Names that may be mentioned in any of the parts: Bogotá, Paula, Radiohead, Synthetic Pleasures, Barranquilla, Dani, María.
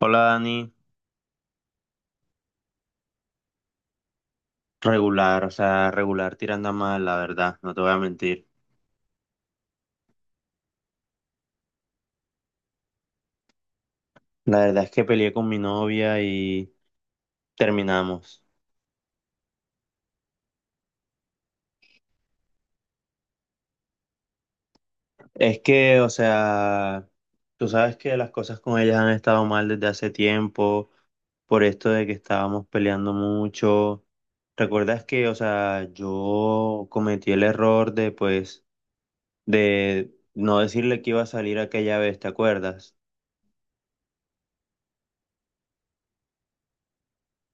Hola Dani, regular, o sea, regular tirando a mal, la verdad, no te voy a mentir. La verdad es que peleé con mi novia y terminamos. Es que, o sea, tú sabes que las cosas con ellas han estado mal desde hace tiempo, por esto de que estábamos peleando mucho. ¿Recuerdas que, o sea, yo cometí el error de, pues, de no decirle que iba a salir aquella vez, ¿te acuerdas?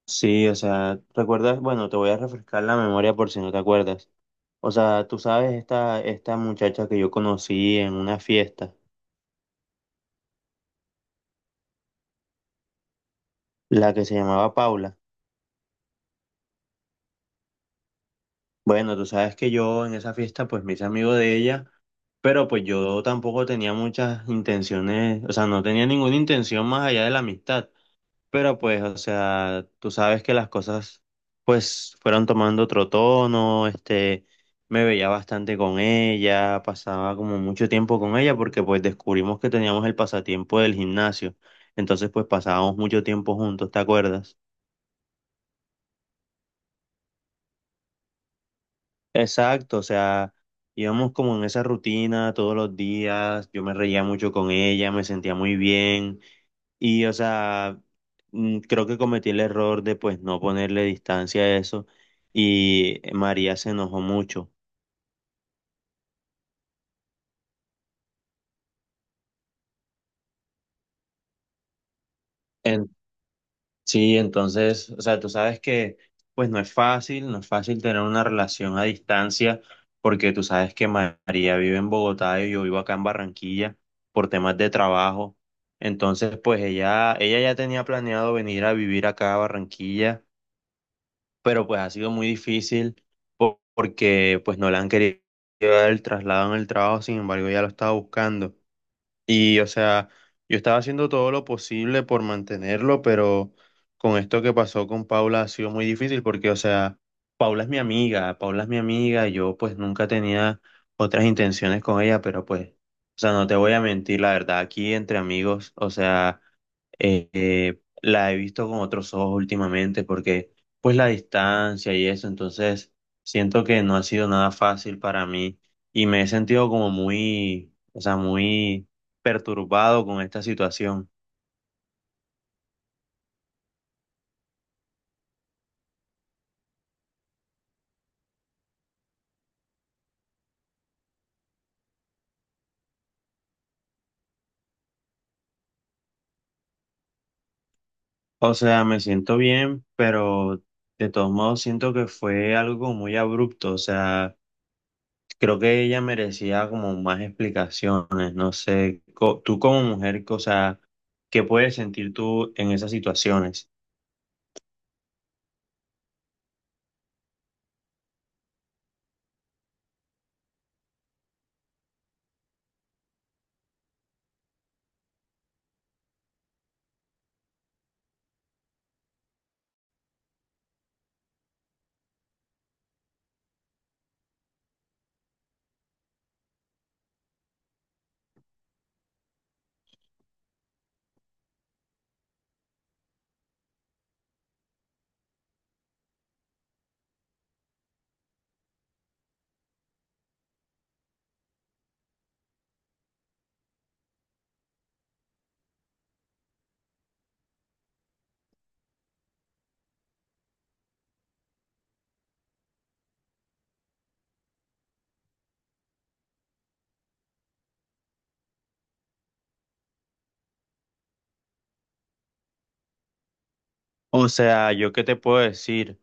Sí, o sea, ¿recuerdas? Bueno, te voy a refrescar la memoria por si no te acuerdas. O sea, tú sabes esta muchacha que yo conocí en una fiesta, la que se llamaba Paula. Bueno, tú sabes que yo en esa fiesta pues me hice amigo de ella, pero pues yo tampoco tenía muchas intenciones, o sea, no tenía ninguna intención más allá de la amistad. Pero pues, o sea, tú sabes que las cosas pues fueron tomando otro tono, este, me veía bastante con ella, pasaba como mucho tiempo con ella porque pues descubrimos que teníamos el pasatiempo del gimnasio, entonces pues pasábamos mucho tiempo juntos, ¿te acuerdas? Exacto, o sea, íbamos como en esa rutina todos los días, yo me reía mucho con ella, me sentía muy bien. Y, o sea, creo que cometí el error de pues no ponerle distancia a eso y María se enojó mucho. En- sí, entonces, o sea, tú sabes que pues no es fácil, no es fácil tener una relación a distancia porque tú sabes que María vive en Bogotá y yo vivo acá en Barranquilla por temas de trabajo. Entonces, pues ella ya tenía planeado venir a vivir acá a Barranquilla, pero pues ha sido muy difícil porque pues no le han querido dar el traslado en el trabajo, sin embargo ya lo estaba buscando. Y o sea, yo estaba haciendo todo lo posible por mantenerlo, pero con esto que pasó con Paula ha sido muy difícil porque o sea, Paula es mi amiga, Paula es mi amiga, yo pues nunca tenía otras intenciones con ella, pero pues, o sea, no te voy a mentir, la verdad, aquí entre amigos, o sea la he visto con otros ojos últimamente porque pues la distancia y eso, entonces siento que no ha sido nada fácil para mí y me he sentido como muy, o sea, muy perturbado con esta situación. O sea, me siento bien, pero de todos modos siento que fue algo muy abrupto, o sea, creo que ella merecía como más explicaciones, no sé, tú como mujer, o sea, ¿qué puedes sentir tú en esas situaciones? O sea, yo qué te puedo decir,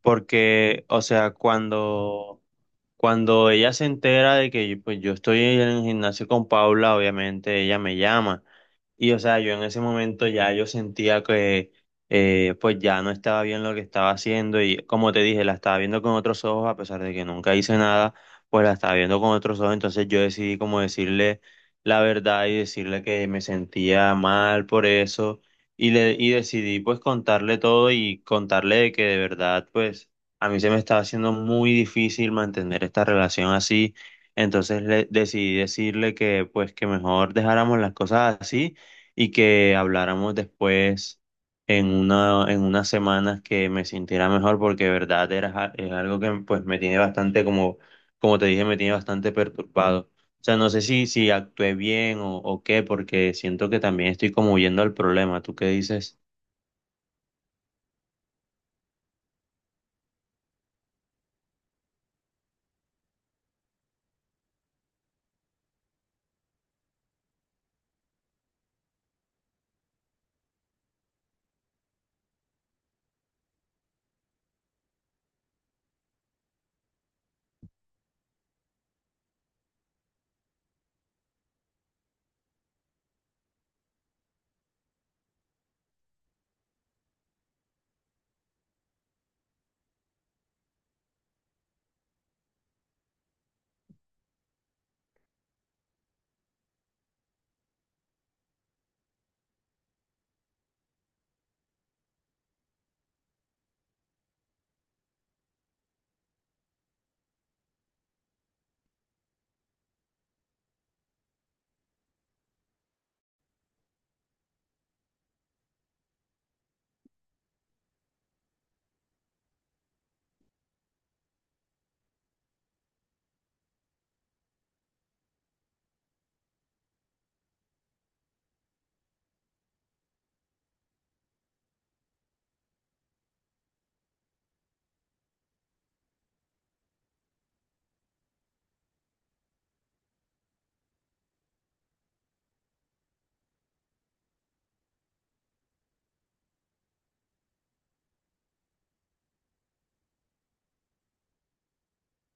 porque, o sea, cuando ella se entera de que yo, pues, yo estoy en el gimnasio con Paula, obviamente ella me llama. Y o sea, yo en ese momento ya yo sentía que pues ya no estaba bien lo que estaba haciendo y como te dije, la estaba viendo con otros ojos, a pesar de que nunca hice nada, pues la estaba viendo con otros ojos, entonces yo decidí como decirle la verdad y decirle que me sentía mal por eso y, y decidí pues contarle todo y contarle de que de verdad pues a mí se me estaba haciendo muy difícil mantener esta relación así, entonces decidí decirle que pues que mejor dejáramos las cosas así y que habláramos después en en unas semanas que me sintiera mejor, porque de verdad era, es algo que pues me tiene bastante como, como te dije, me tiene bastante perturbado. O sea, no sé si actué bien o qué, porque siento que también estoy como huyendo al problema. ¿Tú qué dices?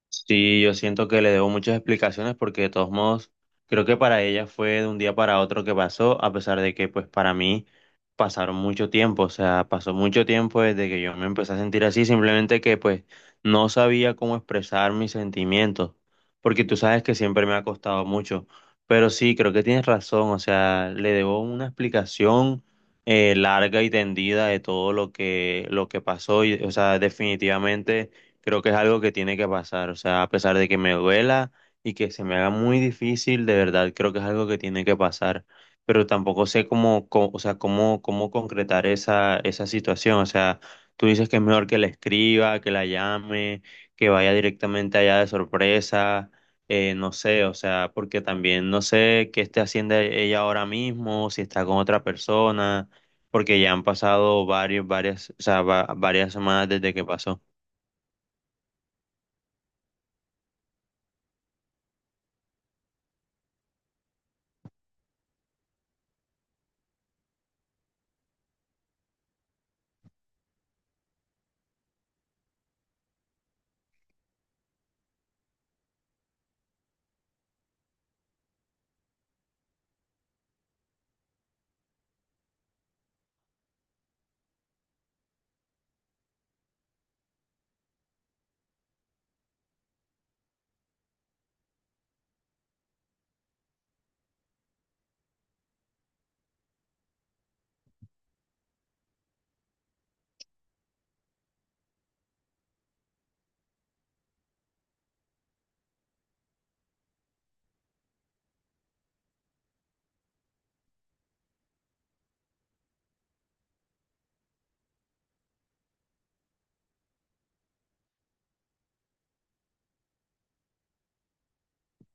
Sí, yo siento que le debo muchas explicaciones porque de todos modos creo que para ella fue de un día para otro que pasó, a pesar de que pues para mí pasaron mucho tiempo, o sea, pasó mucho tiempo desde que yo me empecé a sentir así, simplemente que pues no sabía cómo expresar mis sentimientos, porque tú sabes que siempre me ha costado mucho, pero sí, creo que tienes razón, o sea, le debo una explicación larga y tendida de todo lo que pasó y, o sea, definitivamente creo que es algo que tiene que pasar, o sea, a pesar de que me duela y que se me haga muy difícil, de verdad creo que es algo que tiene que pasar, pero tampoco sé cómo, o sea, cómo, cómo concretar esa situación, o sea, tú dices que es mejor que la escriba, que la llame, que vaya directamente allá de sorpresa, no sé, o sea, porque también no sé qué esté haciendo ella ahora mismo, si está con otra persona, porque ya han pasado varios, varias, o sea, varias semanas desde que pasó.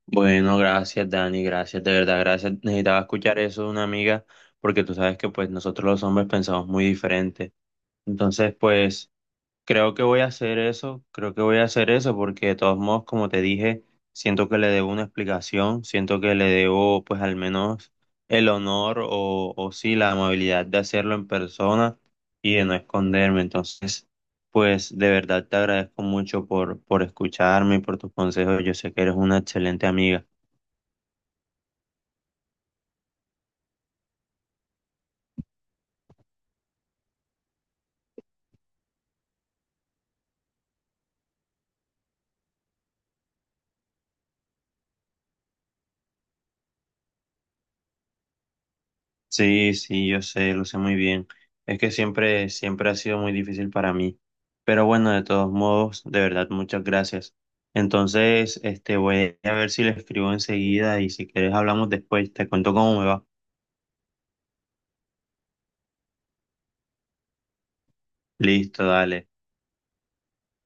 Bueno, gracias Dani, gracias, de verdad, gracias. Necesitaba escuchar eso de una amiga porque tú sabes que pues nosotros los hombres pensamos muy diferente. Entonces, pues creo que voy a hacer eso, creo que voy a hacer eso porque de todos modos, como te dije, siento que le debo una explicación, siento que le debo pues al menos el honor o sí la amabilidad de hacerlo en persona y de no esconderme. Entonces, pues de verdad te agradezco mucho por escucharme y por tus consejos. Yo sé que eres una excelente amiga. Sí, sí, yo sé, lo sé muy bien. Es que siempre, siempre ha sido muy difícil para mí. Pero bueno, de todos modos, de verdad, muchas gracias. Entonces, este, voy a ver si le escribo enseguida y si quieres hablamos después, te cuento cómo me va. Listo, dale.